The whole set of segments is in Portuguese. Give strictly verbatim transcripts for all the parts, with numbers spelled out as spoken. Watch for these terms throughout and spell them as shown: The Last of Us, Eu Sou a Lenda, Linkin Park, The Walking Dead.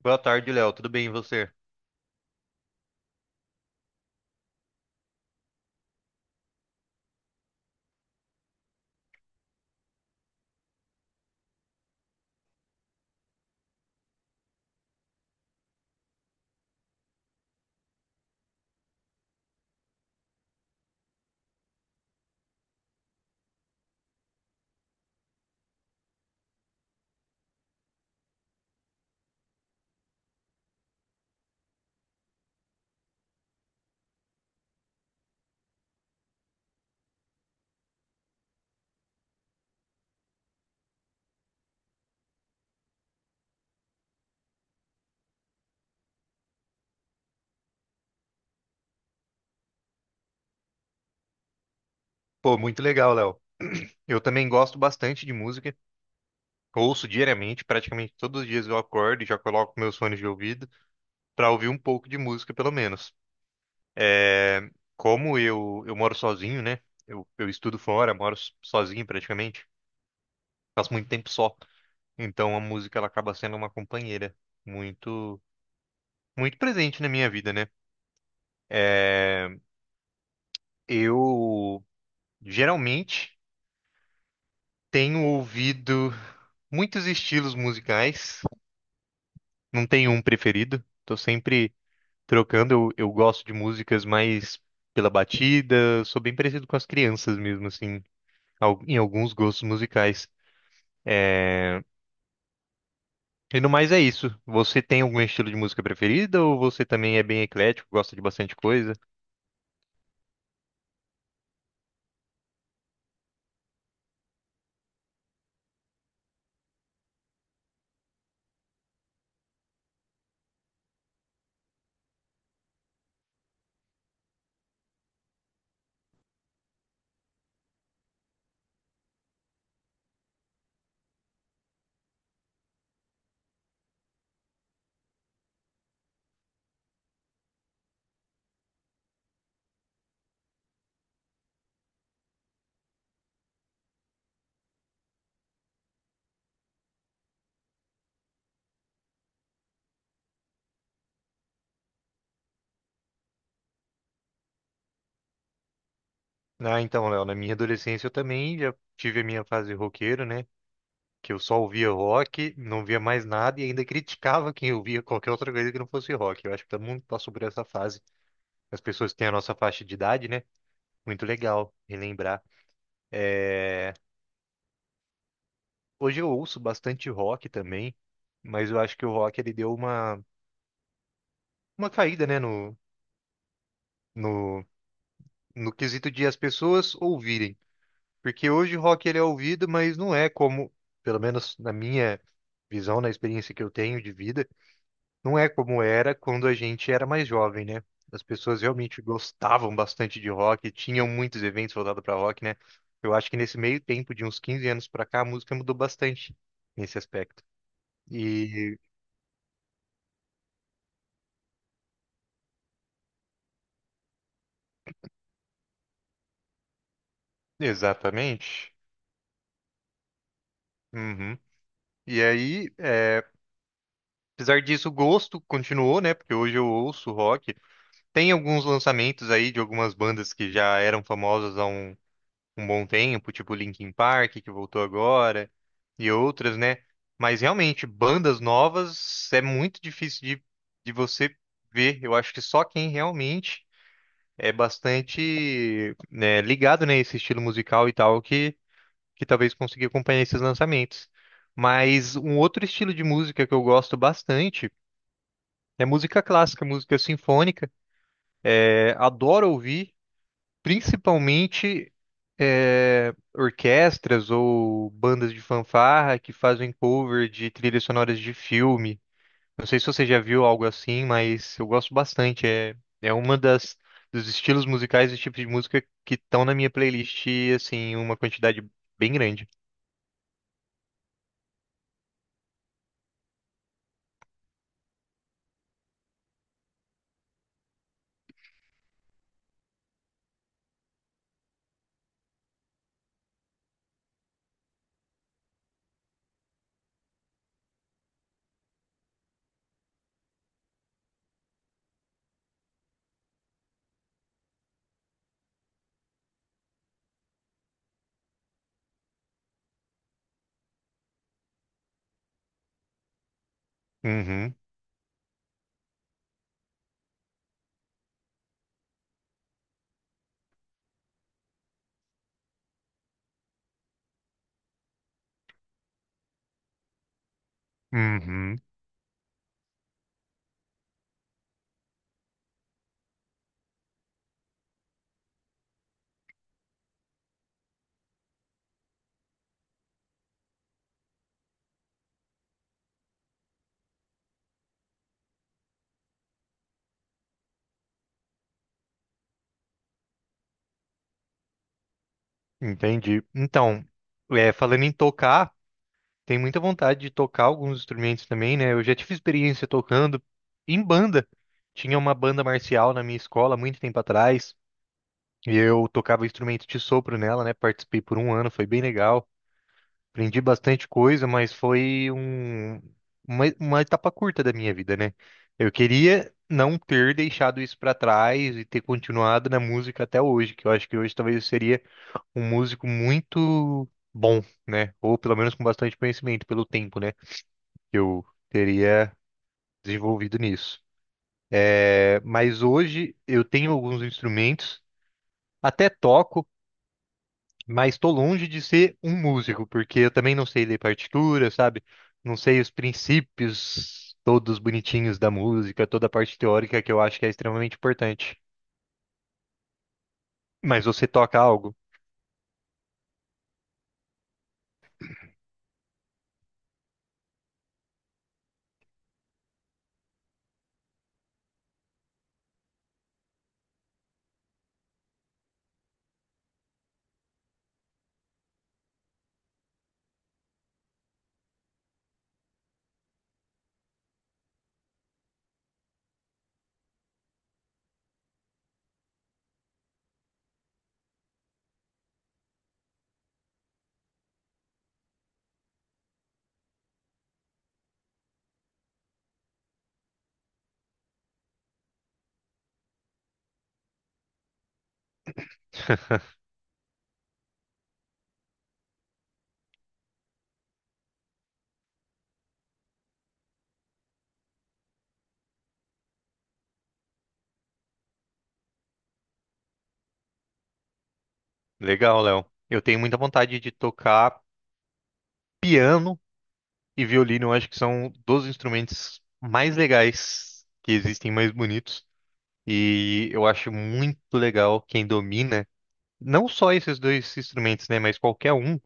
Boa tarde, Léo. Tudo bem, e você? Pô, muito legal, Léo. Eu também gosto bastante de música. Ouço diariamente, praticamente todos os dias eu acordo e já coloco meus fones de ouvido para ouvir um pouco de música, pelo menos. É, como eu, eu moro sozinho, né? Eu, eu estudo fora, moro s- sozinho praticamente. Faço muito tempo só. Então a música ela acaba sendo uma companheira muito, muito presente na minha vida, né? É, eu geralmente tenho ouvido muitos estilos musicais, não tenho um preferido, tô sempre trocando. Eu, eu gosto de músicas mais pela batida, sou bem parecido com as crianças mesmo, assim, al- em alguns gostos musicais. É, E no mais é isso. Você tem algum estilo de música preferida ou você também é bem eclético, gosta de bastante coisa? Ah, então, Léo, na minha adolescência eu também já tive a minha fase roqueiro, né? Que eu só ouvia rock, não via mais nada e ainda criticava quem ouvia qualquer outra coisa que não fosse rock. Eu acho que todo mundo passou por essa fase. As pessoas que têm a nossa faixa de idade, né? Muito legal relembrar. É, hoje eu ouço bastante rock também, mas eu acho que o rock ele deu uma, uma caída, né, no, no, no quesito de as pessoas ouvirem. Porque hoje o rock ele é ouvido, mas não é como, pelo menos na minha visão, na experiência que eu tenho de vida, não é como era quando a gente era mais jovem, né? As pessoas realmente gostavam bastante de rock, tinham muitos eventos voltados para rock, né? Eu acho que nesse meio tempo, de uns quinze anos para cá, a música mudou bastante nesse aspecto. E Exatamente. Uhum. E aí, é, apesar disso, o gosto continuou, né? Porque hoje eu ouço rock. Tem alguns lançamentos aí de algumas bandas que já eram famosas há um um bom tempo, tipo Linkin Park, que voltou agora, e outras, né? Mas realmente, bandas novas é muito difícil de, de você ver. Eu acho que só quem realmente é bastante, né, ligado, né, esse estilo musical e tal, que, que talvez consiga acompanhar esses lançamentos. Mas um outro estilo de música que eu gosto bastante é música clássica, música sinfônica. É, adoro ouvir. Principalmente é, orquestras ou bandas de fanfarra que fazem cover de trilhas sonoras de filme. Não sei se você já viu algo assim, mas eu gosto bastante. É, é uma das dos estilos musicais e tipos de música que estão na minha playlist, assim, uma quantidade bem grande. Uhum, uhum, entendi. Então, é, falando em tocar. Tem muita vontade de tocar alguns instrumentos também, né? Eu já tive experiência tocando em banda. Tinha uma banda marcial na minha escola muito tempo atrás, e eu tocava instrumento de sopro nela, né? Participei por um ano, foi bem legal. Aprendi bastante coisa, mas foi um, uma, uma etapa curta da minha vida, né? Eu queria não ter deixado isso pra trás e ter continuado na música até hoje, que eu acho que hoje talvez eu seria um músico muito bom, né? Ou pelo menos com bastante conhecimento pelo tempo, né? Que eu teria desenvolvido nisso. É, mas hoje eu tenho alguns instrumentos, até toco, mas estou longe de ser um músico, porque eu também não sei ler partitura, sabe? Não sei os princípios todos bonitinhos da música, toda a parte teórica que eu acho que é extremamente importante. Mas você toca algo? Legal, Léo. Eu tenho muita vontade de tocar piano e violino. Eu acho que são dos instrumentos mais legais que existem, mais bonitos. E eu acho muito legal quem domina não só esses dois instrumentos, né, mas qualquer um,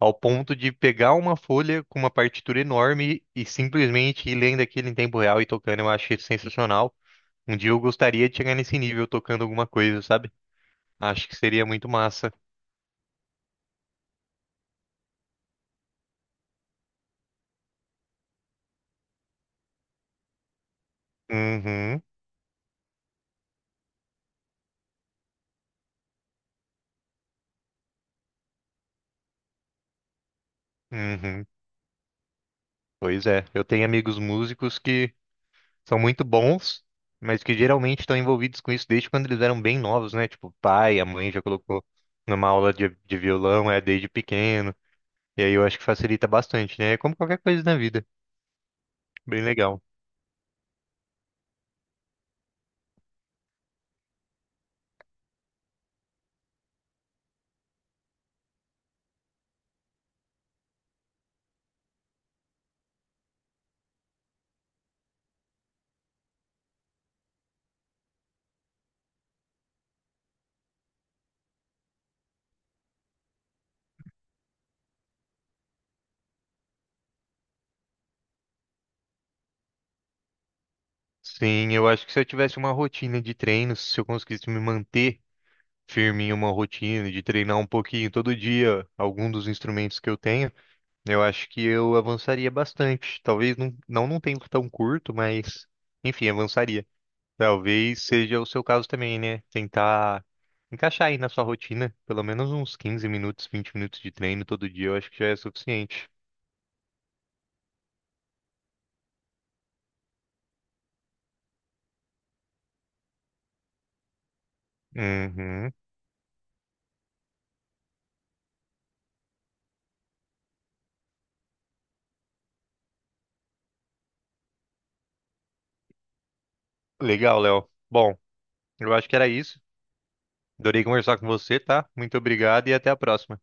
ao ponto de pegar uma folha com uma partitura enorme e simplesmente ir lendo aquilo em tempo real e tocando. Eu acho isso sensacional. Um dia eu gostaria de chegar nesse nível tocando alguma coisa, sabe? Acho que seria muito massa. Uhum, uhum. Pois é, eu tenho amigos músicos que são muito bons, mas que geralmente estão envolvidos com isso desde quando eles eram bem novos, né? Tipo, o pai, a mãe já colocou numa aula de, de violão, é desde pequeno. E aí eu acho que facilita bastante, né? É como qualquer coisa na vida. Bem legal. Sim, eu acho que se eu tivesse uma rotina de treinos, se eu conseguisse me manter firme em uma rotina de treinar um pouquinho todo dia algum dos instrumentos que eu tenho, eu acho que eu avançaria bastante. Talvez não, não num tempo tão curto, mas enfim, avançaria. Talvez seja o seu caso também, né? Tentar encaixar aí na sua rotina pelo menos uns quinze minutos, vinte minutos de treino todo dia, eu acho que já é suficiente. Uhum. Legal, Léo. Bom, eu acho que era isso. Adorei conversar com você, tá? Muito obrigado e até a próxima.